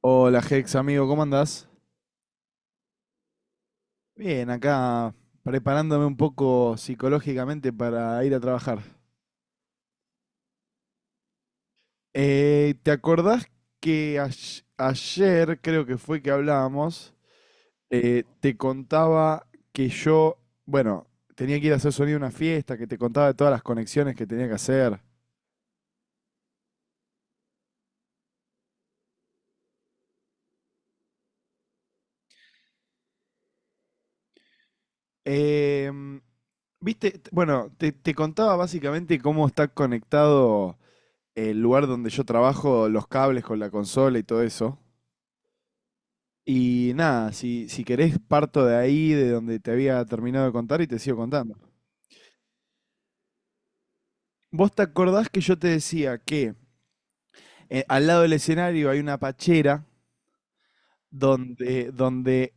Hola Hex, amigo, ¿cómo andás? Bien, acá preparándome un poco psicológicamente para ir a trabajar. ¿Te acordás que ayer, creo que fue que hablábamos, te contaba que yo, bueno, tenía que ir a hacer sonido a una fiesta, que te contaba de todas las conexiones que tenía que hacer? Em, Viste, bueno, te contaba básicamente cómo está conectado el lugar donde yo trabajo, los cables con la consola y todo eso. Y nada, si querés parto de ahí, de donde te había terminado de contar y te sigo contando. ¿Vos te acordás que yo te decía que al lado del escenario hay una pachera donde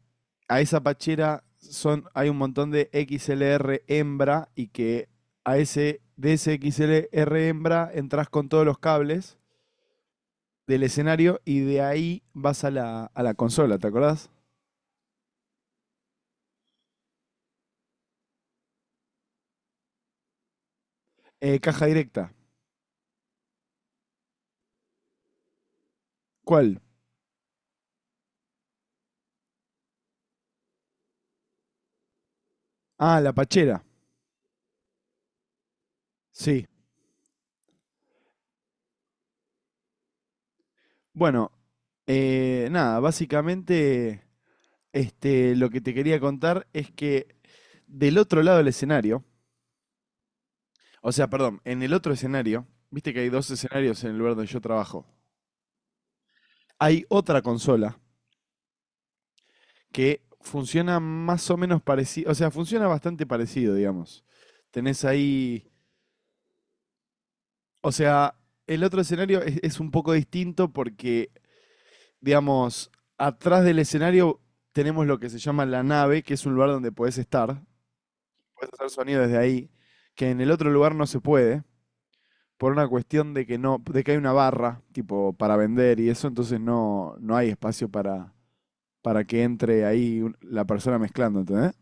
a esa pachera son, hay un montón de XLR hembra y que de ese XLR hembra entras con todos los cables del escenario y de ahí vas a a la consola, te acordás? Caja directa. ¿Cuál? Ah, la pachera. Sí. Bueno, nada, básicamente lo que te quería contar es que del otro lado del escenario, o sea, perdón, en el otro escenario, viste que hay dos escenarios en el lugar donde yo trabajo, hay otra consola que funciona más o menos parecido, o sea, funciona bastante parecido, digamos. Tenés ahí, o sea, el otro escenario es un poco distinto porque, digamos, atrás del escenario tenemos lo que se llama la nave, que es un lugar donde podés estar, puedes hacer sonido desde ahí, que en el otro lugar no se puede, por una cuestión de que no, de que hay una barra, tipo, para vender y eso, entonces no hay espacio para que entre ahí la persona mezclando, ¿entendés?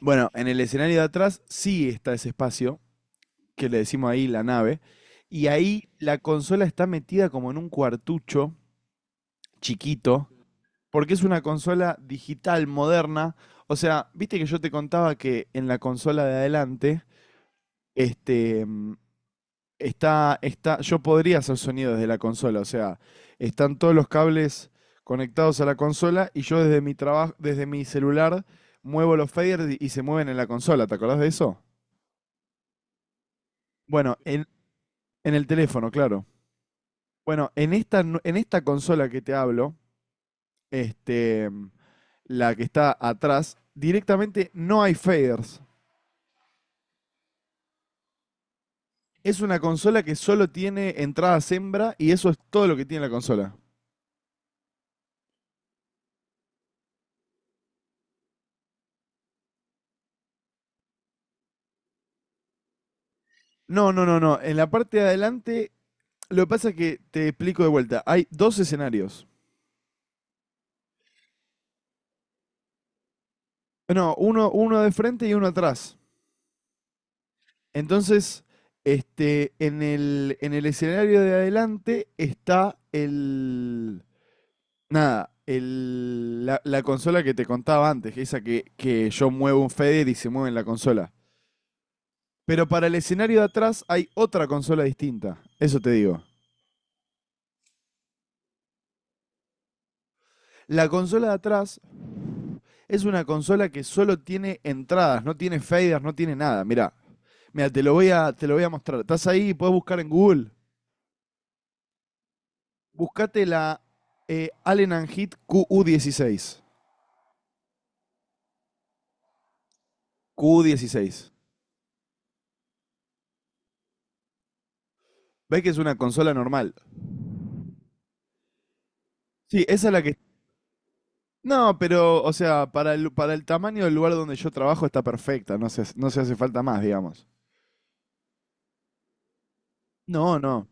Bueno, en el escenario de atrás sí está ese espacio, que le decimos ahí la nave, y ahí la consola está metida como en un cuartucho chiquito, porque es una consola digital moderna. O sea, viste que yo te contaba que en la consola de adelante, este, mm, está, yo podría hacer sonido desde la consola, o sea, están todos los cables conectados a la consola y yo desde mi trabajo, desde mi celular muevo los faders y se mueven en la consola, ¿te acordás de eso? Bueno, en el teléfono, claro. Bueno, en esta consola que te hablo, este, la que está atrás, directamente no hay faders. Es una consola que solo tiene entrada hembra y eso es todo lo que tiene la consola. No, no, no, no. En la parte de adelante. Lo que pasa es que te explico de vuelta. Hay dos escenarios. No, uno de frente y uno atrás. Entonces, en el escenario de adelante está el. Nada, la consola que te contaba antes, esa que yo muevo un fader y se mueve en la consola. Pero para el escenario de atrás hay otra consola distinta. Eso te digo. La consola de atrás es una consola que solo tiene entradas, no tiene faders, no tiene nada. Mira, te lo voy a mostrar. Estás ahí y podés buscar en Google. Buscate la Allen Heat QU16. QU16. ¿Ves que es una consola normal? Sí, esa es la que... No, pero, o sea, para el tamaño del lugar donde yo trabajo está perfecta, no se hace falta más, digamos. No, no.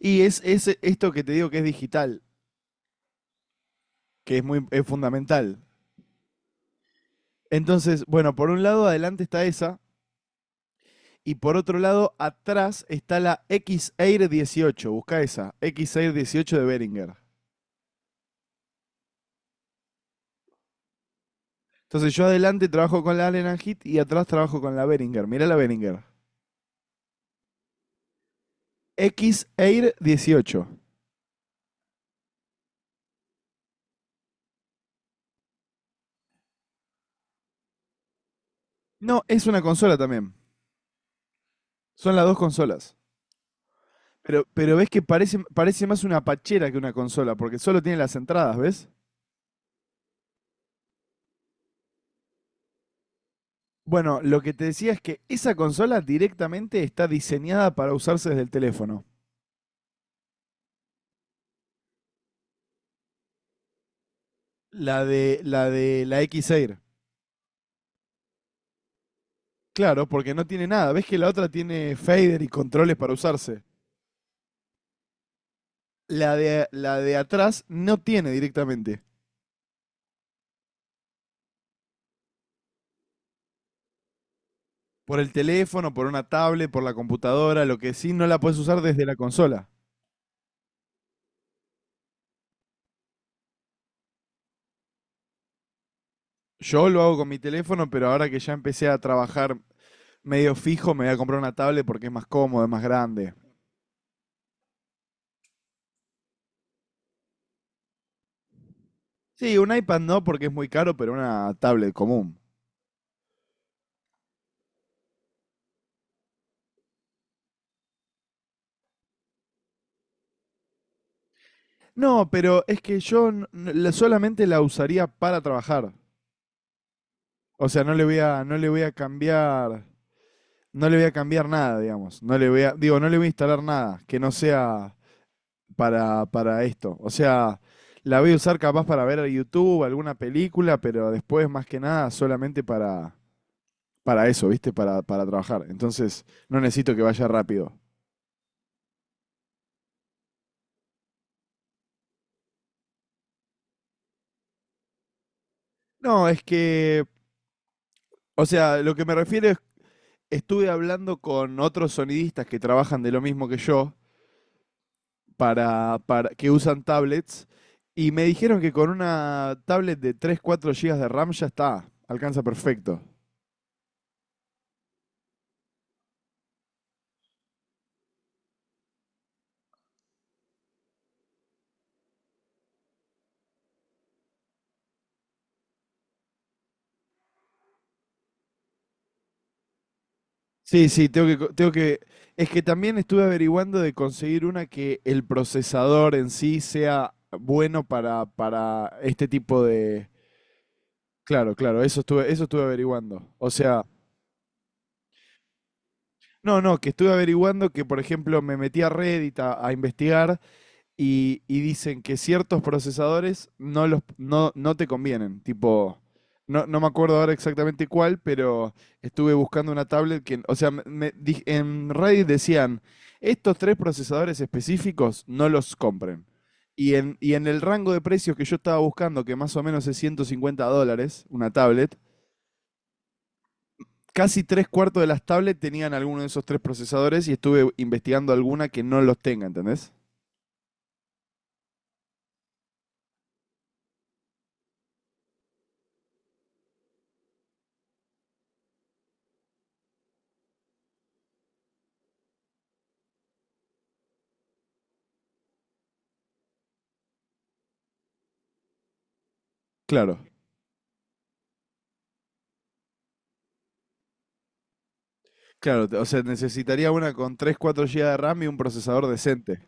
Y es esto que te digo que es digital, que es muy es fundamental. Entonces, bueno, por un lado adelante está esa y por otro lado atrás está la X-Air 18, busca esa, X-Air 18 de Behringer. Entonces yo adelante trabajo con la Allen and Heath y atrás trabajo con la Behringer, mirá la Behringer. X-Air 18. No, es una consola también, son las dos consolas. Pero ves que parece más una pachera que una consola, porque solo tiene las entradas, ¿ves? Bueno, lo que te decía es que esa consola directamente está diseñada para usarse desde el teléfono. La de la X-Air. Claro, porque no tiene nada. ¿Ves que la otra tiene fader y controles para usarse? La de atrás no tiene directamente. Por el teléfono, por una tablet, por la computadora, lo que sí no la puedes usar desde la consola. Yo lo hago con mi teléfono, pero ahora que ya empecé a trabajar medio fijo, me voy a comprar una tablet porque es más cómodo, es más grande. Sí, un iPad no porque es muy caro, pero una tablet común. No, pero es que yo solamente la usaría para trabajar. O sea, no le voy a cambiar, no le voy a cambiar nada, digamos. No le voy a, digo, no le voy a instalar nada que no sea para esto. O sea, la voy a usar capaz para ver a YouTube, alguna película, pero después más que nada solamente para eso, ¿viste? Para trabajar. Entonces, no necesito que vaya rápido. No, es que, o sea, lo que me refiero es, estuve hablando con otros sonidistas que trabajan de lo mismo que yo. Para que usan tablets y me dijeron que con una tablet de 3 4 gigas de RAM ya está, alcanza perfecto. Sí, sí, tengo que... Es que también estuve averiguando de conseguir una que el procesador en sí sea bueno para este tipo de... Claro, claro, eso estuve averiguando. O sea, no, no, que estuve averiguando que, por ejemplo, me metí a Reddit a investigar y dicen que ciertos procesadores no te convienen. Tipo, no me acuerdo ahora exactamente cuál, pero estuve buscando una tablet o sea, en Reddit decían, estos tres procesadores específicos no los compren. Y en el rango de precios que yo estaba buscando, que más o menos es $150, una tablet, casi tres cuartos de las tablets tenían alguno de esos tres procesadores y estuve investigando alguna que no los tenga, ¿entendés? Claro. Claro, o sea, necesitaría una con 3 4 gigas de RAM y un procesador decente.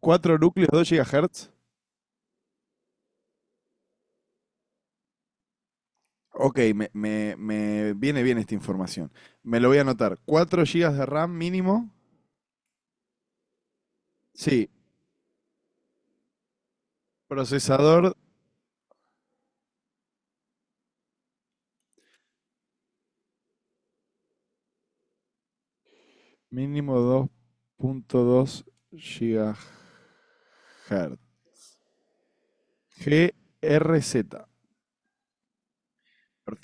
4 núcleos, 2 GHz. Ok, me viene bien esta información. Me lo voy a anotar. 4 gigas de RAM mínimo. Sí, procesador mínimo 2.2 GHz. GRZ. Per-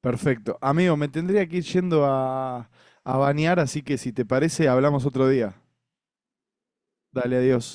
Perfecto. Amigo, me tendría que ir yendo a bañar, así que si te parece, hablamos otro día. Dale, adiós.